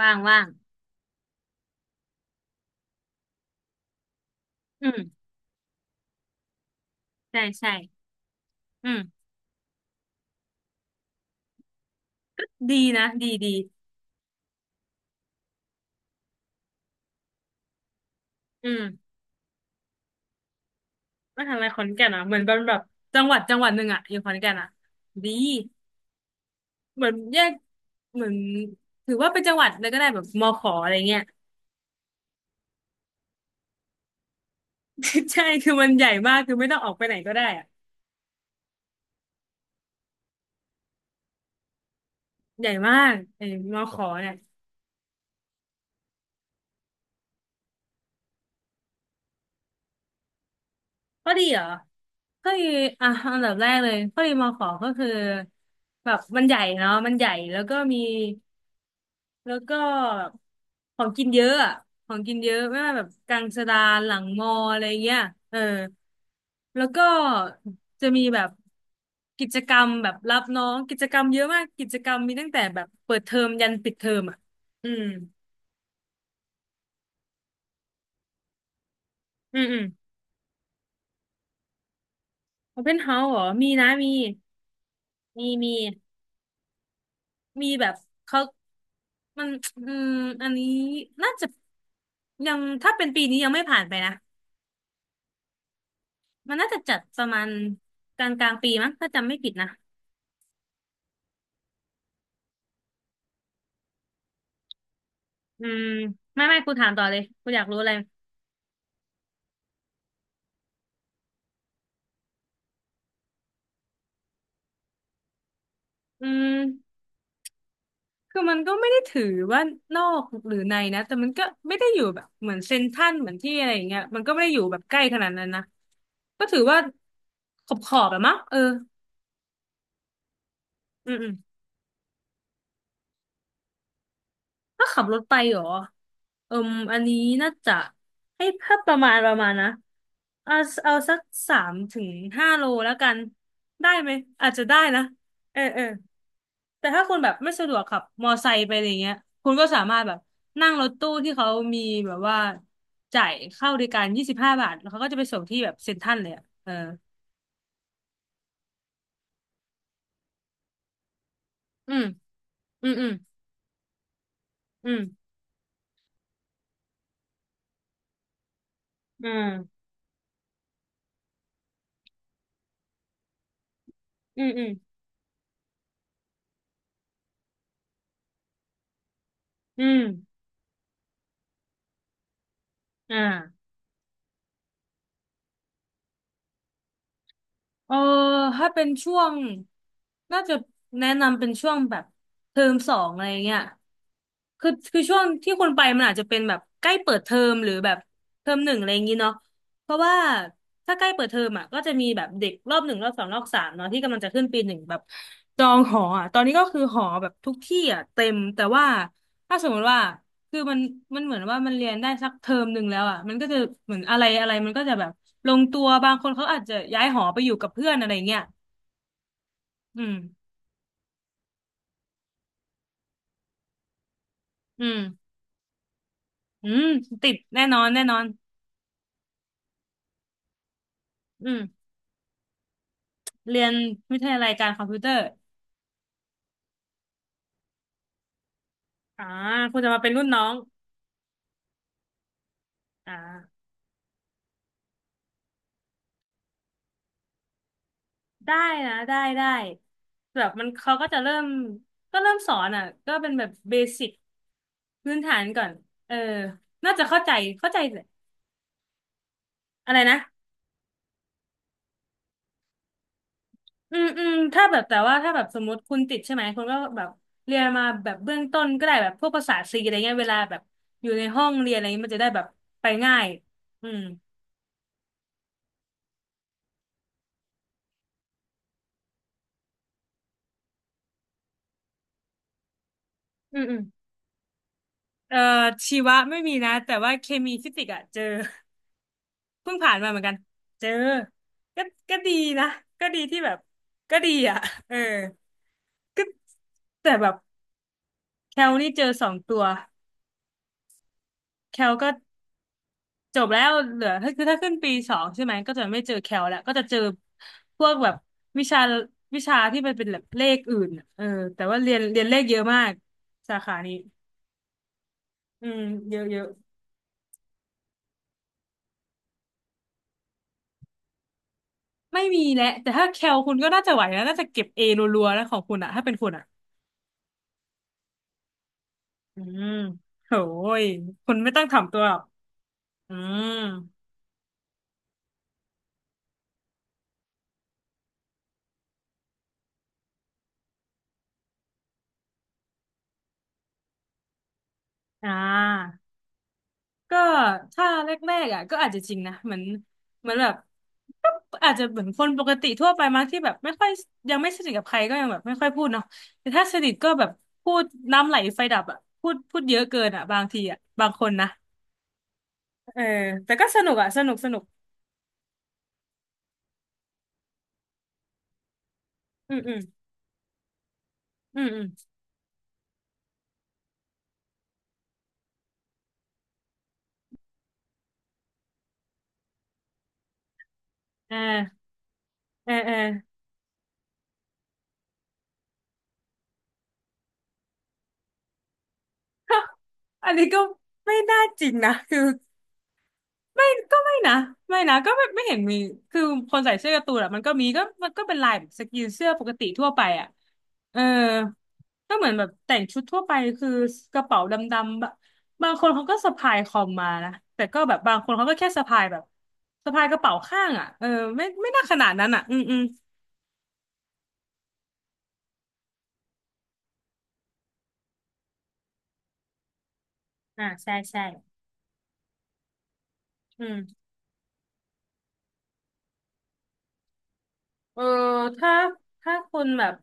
ว่างว่างอืมใช่ใช่อืมดีนะดีดีอืมมหาลัยขอนแก่นอ่ะเหมือนเป็นแบบจังหวัดหนึ่งอ่ะอยู่ขอนแก่นอ่ะดีเหมือนแยกเหมือนถือว่าเป็นจังหวัดเลยก็ได้แบบมขออะไรเงี้ย ใช่คือมันใหญ่มากคือไม่ต้องออกไปไหนก็ได้อ่ะใหญ่มากไอ้มขอเนี่ยก็ดีเหรอก็ดีอ่ะอันดับแรกเลยก็ดีมขอก็คือแบบมันใหญ่เนาะมันใหญ่แล้วก็มี แล้วก็ของกินเยอะอะของกินเยอะไม่ว่าแบบกลางสะดานหลังมออะไรเงี้ยเออแล้วก็จะมีแบบกิจกรรมแบบรับน้องกิจกรรมเยอะมากกิจกรรมมีตั้งแต่แบบเปิดเทอมยันปิดเทอมอ่ะอืมอืมอืมโอเพนเฮาส์เหรอมีนะมีมีมีมีแบบเขามันอืมอันนี้น่าจะยังถ้าเป็นปีนี้ยังไม่ผ่านไปนะมันน่าจะจัดประมาณกลางปีมั้งถ้าจำไม่ผิดนะ อืมไม่กูถามต่อเลยกูอยากรู้อะไรอืมคือมันก็ไม่ได้ถือว่านอกหรือในนะแต่มันก็ไม่ได้อยู่แบบเหมือนเซ็นทรัลเหมือนที่อะไรอย่างเงี้ยมันก็ไม่ได้อยู่แบบใกล้ขนาดนั้นนะก็ถือว่าขอบแบะมั้งเอออืม ถ้าขับรถไปเหรอเอิมอันนี้น่าจะให้เพิ่มประมาณนะเอาเอาสัก3 ถึง 5 โลแล้วกันได้ไหมอาจจะได้นะเออเออแต่ถ้าคุณแบบไม่สะดวกขับมอไซค์ไปอะไรเงี้ยคุณก็สามารถแบบนั่งรถตู้ที่เขามีแบบว่าจ่ายเข้าบริการ25 บาทแล้วเขาก็จะไปส่งที่แบบเซ็นทรัลเลยอ่ะเอออืมอืมอืมอืมอืมอืมอืมอืมอ่า เออถ้าเป็นช่วงน่าจะแนะนำเป็นช่วงแบบเทอมสองอะไรเงี้ยคือช่วงที่คุณไปมันอาจจะเป็นแบบใกล้เปิดเทอมหรือแบบเทอมหนึ่งอะไรอย่างงี้เนาะเพราะว่าถ้าใกล้เปิดเทอมอ่ะก็จะมีแบบเด็กรอบหนึ่งรอบสองรอบสามเนาะที่กำลังจะขึ้นปีหนึ่งแบบจองหออ่ะตอนนี้ก็คือหอแบบทุกที่อ่ะเต็มแต่ว่าถ้าสมมติว่า คือมันเหมือนว่ามันเรียนได้สักเทอมหนึ่งแล้วอ่ะมันก็จะเหมือนอะไรอะไรมันก็จะแบบลงตัวบางคนเขาอาจจะย้ายหอไปอยู่กับเพื่อนอะไรเงี้ยอืมอืมอืมติดแน่นอนแน่นอนอืมเรียนวิทยาลัยการคอมพิวเตอร์อ่าคุณจะมาเป็นรุ่นน้องอ่าได้นะได้ได้แบบมันเขาก็จะเริ่มเริ่มสอนอ่ะก็เป็นแบบเบสิกพื้นฐานก่อนเออน่าจะเข้าใจเข้าใจอะไรนะ อืมอืมถ้าแบบแต่ว่าถ้าแบบสมมติคุณติดใช่ไหมคุณก็แบบเรียนมาแบบเบื้องต้นก็ได้แบบพวกภาษาซีอะไรเงี้ยเวลาแบบอยู่ในห้องเรียนอะไรเงี้ยมันจะได้แบบไปง่ายอืมอืมอืมเอ่อชีวะไม่มีนะแต่ว่าเคมีฟิสิกส์อะเจอ เพิ่งผ่านมาเหมือนกันเจอก็ก็ดีนะก็ดีที่แบบก็ดีอ่ะเออก็แต่แบบแคลนี่เจอสองตัวแคลก็ จบแล้วเหลือถ้าคือถ้าขึ้นปีสองใช่ไหมก็จะไม่เจอแคลแล้วก็จะเจอพวกแบบวิชาวิชาที่มันเป็นแบบเลขอื่นน่ะเออแต่ว่าเรียนเลขเยอะมากสาขานี้อืมเยอะเยอะไม่มีแหละแต่ถ้าแคลคุณก็น่าจะไหวนะน่าจะเก็บเอรัวๆแล้วของคุณอะถ้าเป็นคุณอะอืมโหยคุณไม่ต้องถ่อมตัวหรอกอืมอ่า ก็ถ้าแรกๆอ่ะก็อาจจะจริงนะเหมือนแบบก็อาจจะเหมือนคนปกติทั่วไปมั้งที่แบบไม่ค่อยยังไม่สนิทกับใครก็ยังแบบไม่ค่อยพูดเนาะแต่ถ้าสนิทก็แบบพูดน้ำไหลไฟดับอ่ะพูดเยอะเกินอ่ะบางทีอ่ะบางคนนะเออแต่ก็สนุกอ่ะสนุกสนุกอืมอืมอืมเออเออเออ อันนี้ก็ไม่น่าจริงนะคือไม่ก็ไม่นะไม่นะก็ไม่ไม่เห็นมีคือคนใส่เสื้อการ์ตูนอะมันก็มีก็มันก็เป็นลายแบบสกรีนเสื้อปกติทั่วไปอะ เออก็เหมือนแบบแต่งชุดทั่วไปคือกระเป๋าดำๆแบบบางคนเขาก็สะพายคอมมานะแต่ก็แบบบางคนเขาก็แค่สะพายแบบสะพายกระเป๋าข้างอ่ะเออไม่ไม่น่าขนาดนั้นอ่ะอืมอืมอ่าใช่ใช่อืมเออถ้าถ้าคุณแบบ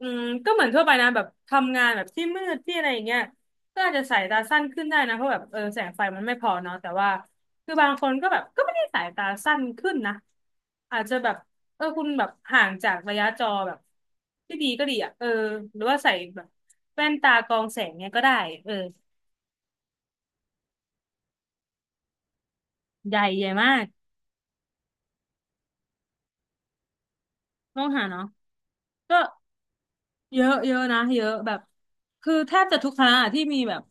อืมก็เหมือนทั่วไปนะแบบทำงานแบบที่มืดที่อะไรอย่างเงี้ยก็อาจจะสายตาสั้นขึ้นได้นะเพราะแบบแสงไฟมันไม่พอเนาะแต่ว่าคือบางคนก็แบบก็ไม่ได้สายตาสั้นขึ้นนะอาจจะแบบคุณแบบห่างจากระยะจอแบบที่ดีก็ดีอ่ะเออหรือว่าใส่แบบแว่นตากรองแสงเนี้ยก็ได้เออใหญ่ใหญ่มากต้องหาเนาะก็ เยอะเยอะนะเยอะแบบคือแทบจะทุกคณะอะที่มีแบบ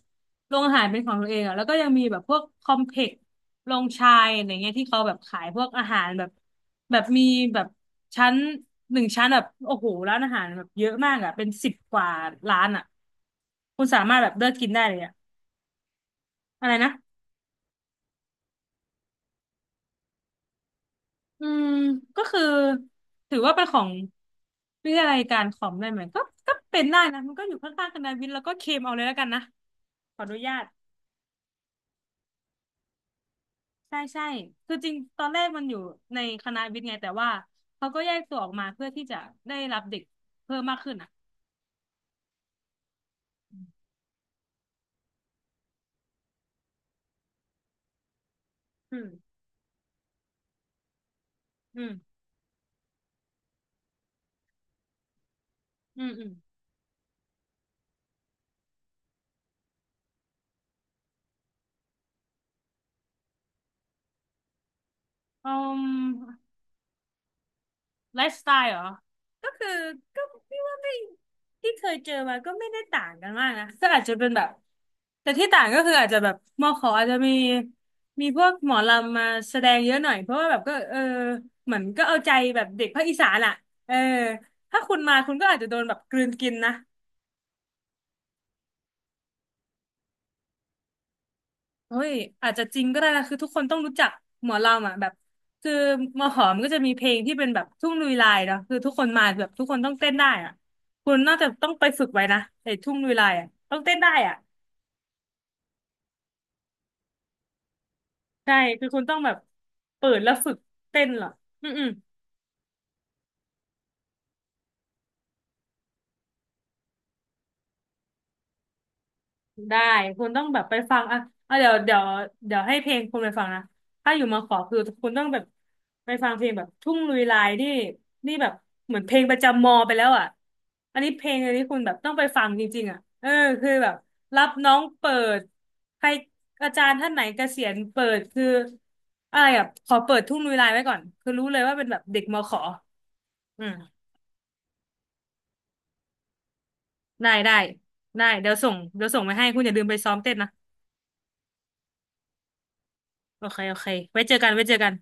โรงอาหารเป็นของตัวเองอ่ะแล้วก็ยังมีแบบพวกคอมเพล็กซ์โรงชายอะไรเงี้ยที่เขาแบบขายพวกอาหารแบบแบบมีแบบชั้นหนึ่งชั้นแบบโอ้โหร้านอาหารแบบเยอะมากอ่ะเป็นสิบกว่าร้านอ่ะคุณสามารถแบบเลือกกินได้เลยอ่ะอะไรนะอืมก็คือถือว่าเป็นของวิทยาลัยการคอมได้ไหมก็ก็เป็นได้นะมันก็อยู่ข้างๆคณะวิทย์แล้วก็เคมเอาเลยแล้วกันนะขออนุญาต ใช่ใช่คือจริงตอนแรกมันอยู่ในคณะวิทย์ไงแต่ว่าเขาก็แยกตัวออกมาเพื่อที่จะได้รับเด็กเพิ่มมากขึ้นอ่ะอืมอืมอืมอืมอืมไลฟ์สไตล์เหรอก็คือก็พี่ว่าไม่ที่เคยเจอมาก็ไม่ได้ต่างกันมากนะ ก็อาจจะเป็นแบบแต่ที่ต่างก็คืออาจจะแบบมอขออาจจะมีมีพวกหมอลำมาแสดงเยอะหน่อยเพราะว่าแบบก็เหมือนก็เอาใจแบบเด็กภาคอีสานอ่ะเออถ้าคุณมาคุณก็อาจจะโดนแบบกลืนกินนะ เฮ้ยอาจจะจริงก็ได้นะคือทุกคนต้องรู้จักหมอลำอ่ะแบบคือมอหอมก็จะมีเพลงที่เป็นแบบทุ่งลุยลายเนาะคือทุกคนมาแบบทุกคนต้องเต้นได้อ่ะคุณน่าจะต้องไปฝึกไว้นะไอ้ทุ่งลุยลายอ่ะต้องเต้นได้อ่ะใช่คือคุณต้องแบบเปิดแล้วฝึกเต้นเหรออืมอืม ได้คุณต้องแบบไปฟังอ่ะอ่ะเดี๋ยวเดี๋ยวให้เพลงคุณไปฟังนะถ้าอยู่มาขอคือคุณต้องแบบไปฟังเพลงแบบทุ่งลุยลายนี่นี่แบบเหมือนเพลงประจำมอไปแล้วอ่ะอันนี้เพลงอันนี้คุณแบบต้องไปฟังจริงๆอ่ะเออคือแบบรับน้องเปิดใครอาจารย์ท่านไหนเกษียณเปิดคืออะไรอ่ะขอเปิดทุ่งลุยลายไว้ก่อนคือรู้เลยว่าเป็นแบบเด็กมอขออืมได้ได้ได้เดี๋ยวส่งไปให้คุณอย่าลืมไปซ้อมเต้นนะโอเคโอเคไว้เจอกันไว้เจอกัน